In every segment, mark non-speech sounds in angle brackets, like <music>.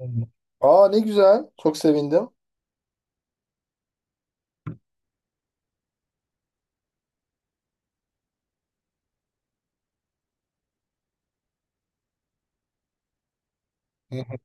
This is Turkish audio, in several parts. Hı. Aa ne güzel. Çok sevindim. <laughs> Hı hı.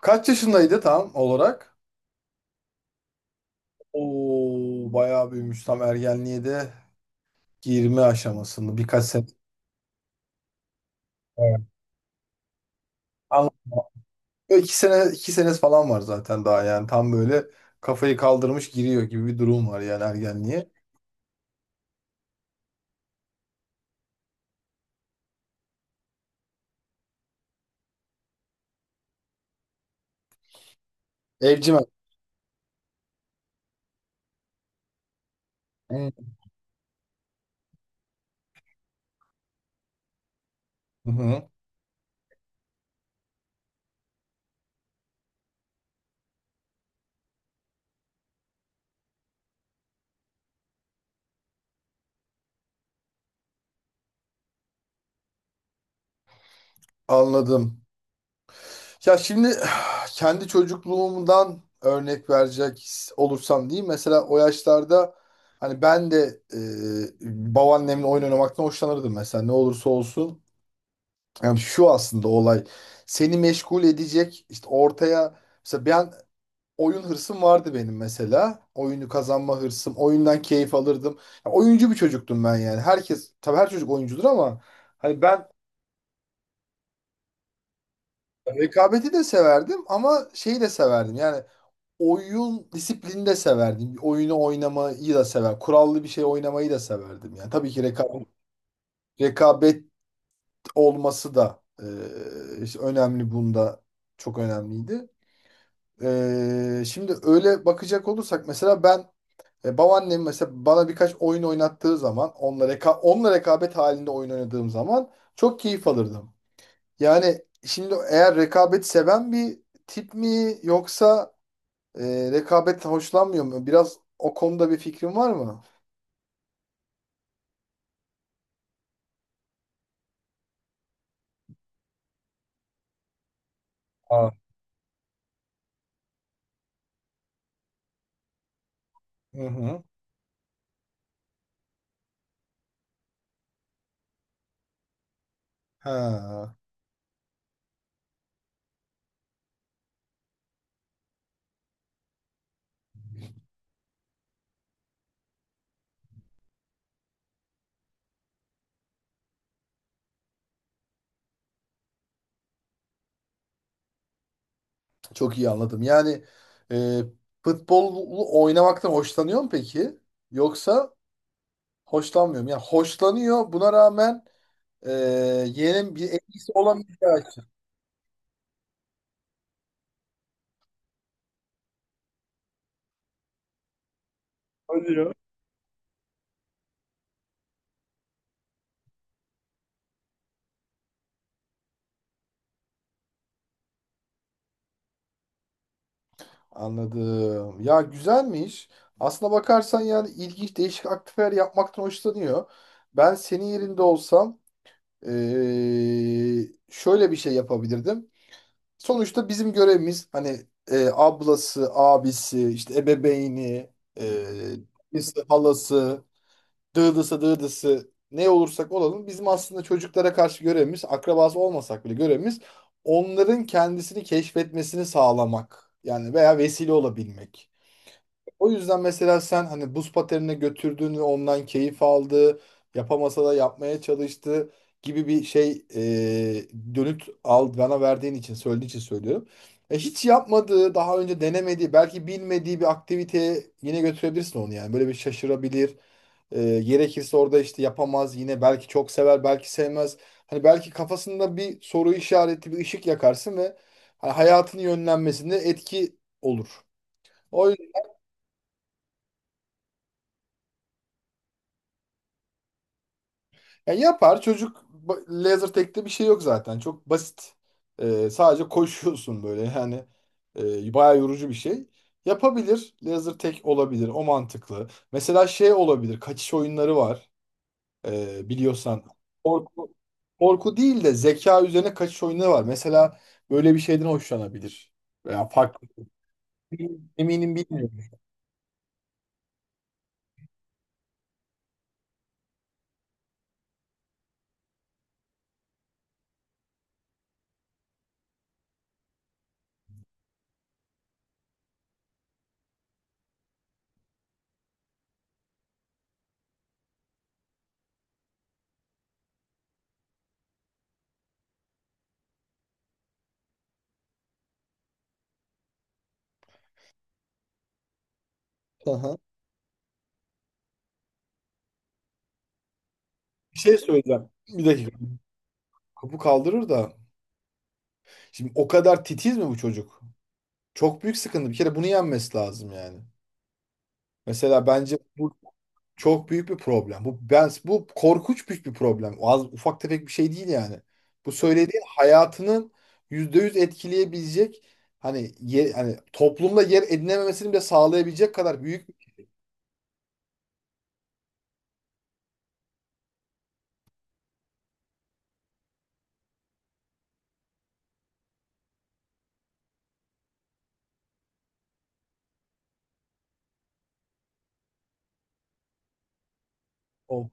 Kaç yaşındaydı tam olarak? Oo bayağı büyümüş. Tam ergenliğe de girme aşamasında birkaç sene. Evet. Anladım. Böyle İki sene, iki senesi falan var zaten daha yani. Tam böyle kafayı kaldırmış giriyor gibi bir durum var yani ergenliğe. Evcimen. Hı. Hı hı. Anladım. Ya şimdi kendi çocukluğumdan örnek verecek olursam diyeyim. Mesela o yaşlarda hani ben de babaannemle oyun oynamaktan hoşlanırdım mesela ne olursa olsun. Yani şu aslında olay seni meşgul edecek işte ortaya mesela ben oyun hırsım vardı benim mesela. Oyunu kazanma hırsım, oyundan keyif alırdım. Ya oyuncu bir çocuktum ben yani. Herkes tabii her çocuk oyuncudur ama hani ben rekabeti de severdim ama şeyi de severdim. Yani oyun disiplini de severdim. Oyunu oynamayı da sever. Kurallı bir şey oynamayı da severdim. Yani tabii ki rekabet olması da işte önemli bunda çok önemliydi. Şimdi öyle bakacak olursak mesela ben babaannem mesela bana birkaç oyun oynattığı zaman onunla, onunla rekabet halinde oyun oynadığım zaman çok keyif alırdım. Yani şimdi eğer rekabet seven bir tip mi yoksa rekabet hoşlanmıyor mu? Biraz o konuda bir fikrin var mı? Aa. Hı hı. Ha, çok iyi anladım. Yani e, futbolu oynamaktan hoşlanıyor mu peki? Yoksa hoşlanmıyor mu? Yani hoşlanıyor buna rağmen e, yeğenin bir etkisi olamayacağı için. Oluyor. Anladım. Ya güzelmiş. Aslına bakarsan yani ilginç değişik aktiviteler yapmaktan hoşlanıyor. Ben senin yerinde olsam şöyle bir şey yapabilirdim. Sonuçta bizim görevimiz hani ablası, abisi, işte ebeveyni, e, annesi, halası, dıdısı ne olursak olalım bizim aslında çocuklara karşı görevimiz, akrabası olmasak bile görevimiz onların kendisini keşfetmesini sağlamak. Yani veya vesile olabilmek. O yüzden mesela sen hani buz patenine götürdün ve ondan keyif aldı, yapamasa da yapmaya çalıştı gibi bir şey dönüt al bana verdiğin için söylediğin için söylüyorum. Hiç yapmadığı, daha önce denemediği, belki bilmediği bir aktiviteye yine götürebilirsin onu yani. Böyle bir şaşırabilir. Gerekirse orada işte yapamaz yine belki çok sever, belki sevmez. Hani belki kafasında bir soru işareti, bir ışık yakarsın ve hani hayatının yönlenmesinde etki olur. O ya yapar çocuk. Laser tag'te bir şey yok zaten. Çok basit. Sadece koşuyorsun böyle yani bayağı yorucu bir şey. Yapabilir. Laser tag olabilir. O mantıklı. Mesela şey olabilir. Kaçış oyunları var. Biliyorsan. Korku, korku değil de zeka üzerine kaçış oyunları var. Mesela böyle bir şeyden hoşlanabilir. Veya farklı. Eminim bilmiyorum. Aha. Bir şey söyleyeceğim. Bir dakika. Kapı kaldırır da. Şimdi o kadar titiz mi bu çocuk? Çok büyük sıkıntı. Bir kere bunu yenmesi lazım yani. Mesela bence bu çok büyük bir problem. Bu korkunç büyük bir problem. Az, ufak tefek bir şey değil yani. Bu söylediğin hayatının %100 etkileyebilecek hani yer, hani toplumda yer edinememesini bile sağlayabilecek kadar büyük bir. O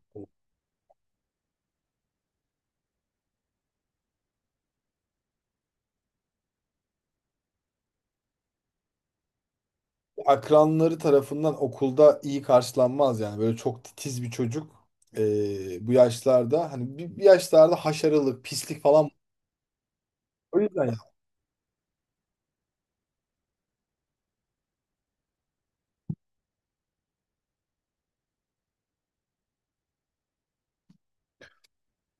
akranları tarafından okulda iyi karşılanmaz yani. Böyle çok titiz bir çocuk bu yaşlarda hani bir yaşlarda haşarılık, pislik falan o yüzden.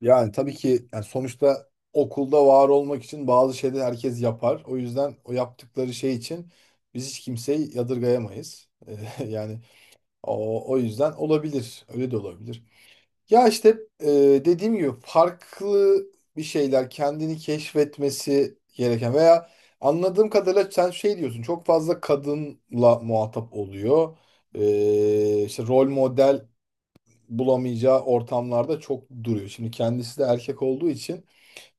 Yani tabii ki yani sonuçta okulda var olmak için bazı şeyleri herkes yapar. O yüzden o yaptıkları şey için biz hiç kimseyi yadırgayamayız. <laughs> Yani o yüzden olabilir. Öyle de olabilir. Ya işte dediğim gibi farklı bir şeyler kendini keşfetmesi gereken veya anladığım kadarıyla sen şey diyorsun çok fazla kadınla muhatap oluyor. İşte rol model bulamayacağı ortamlarda çok duruyor. Şimdi kendisi de erkek olduğu için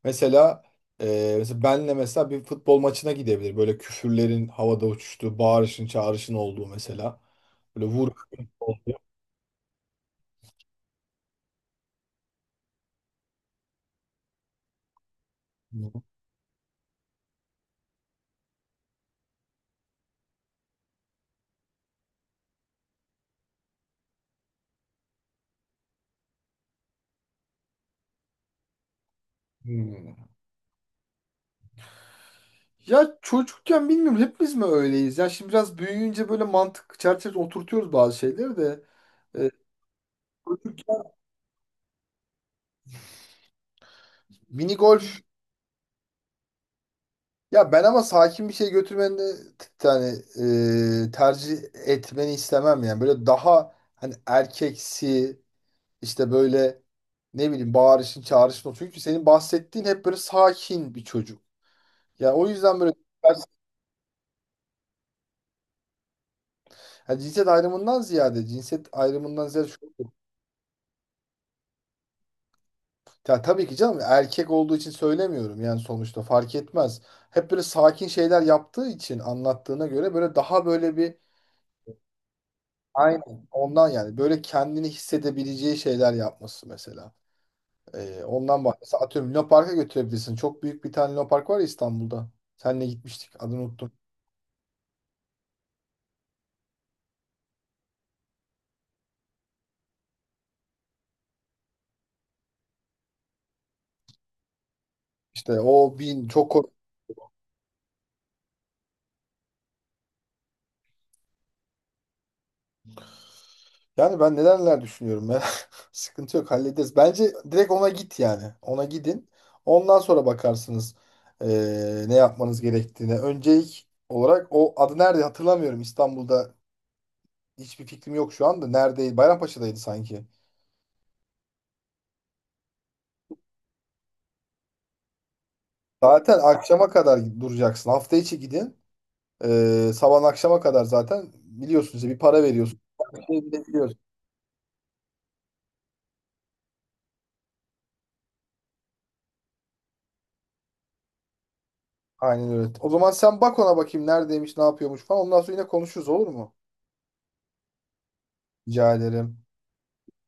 mesela mesela benle mesela bir futbol maçına gidebilir. Böyle küfürlerin havada uçuştuğu, bağırışın, çağrışın olduğu mesela. Böyle vur. Hmm. Ya çocukken bilmiyorum hepimiz mi öyleyiz? Ya şimdi biraz büyüyünce böyle mantık çerçevesine oturtuyoruz bazı şeyleri de. Ee, çocukken mini golf. Ya ben ama sakin bir şey götürmeni yani tercih etmeni istemem yani. Böyle daha hani erkeksi. İşte böyle ne bileyim bağırışın çağrışın o. Çünkü senin bahsettiğin hep böyle sakin bir çocuk. Ya o yüzden böyle yani cinsiyet ayrımından ziyade cinsiyet ayrımından ziyade şu. Ya tabii ki canım erkek olduğu için söylemiyorum yani sonuçta fark etmez. Hep böyle sakin şeyler yaptığı için anlattığına göre böyle daha böyle bir aynen ondan yani böyle kendini hissedebileceği şeyler yapması mesela. Ondan bahsediyorum. Atıyorum Luna Park'a götürebilirsin. Çok büyük bir tane Luna Park var ya İstanbul'da. Seninle gitmiştik. Adını unuttum. İşte o bin çok yani ben neler düşünüyorum ben. <laughs> Sıkıntı yok hallederiz. Bence direkt ona git yani. Ona gidin. Ondan sonra bakarsınız ne yapmanız gerektiğine. Öncelik olarak o adı nerede hatırlamıyorum. İstanbul'da hiçbir fikrim yok şu anda. Neredeydi? Bayrampaşa'daydı sanki. Zaten akşama kadar duracaksın. Hafta içi gidin. Sabah akşama kadar zaten biliyorsunuz ya, bir para veriyorsun. Şey bile biliyorsun. Aynen öyle. O zaman sen bak ona bakayım neredeymiş, ne yapıyormuş falan. Ondan sonra yine konuşuruz olur mu? Rica ederim.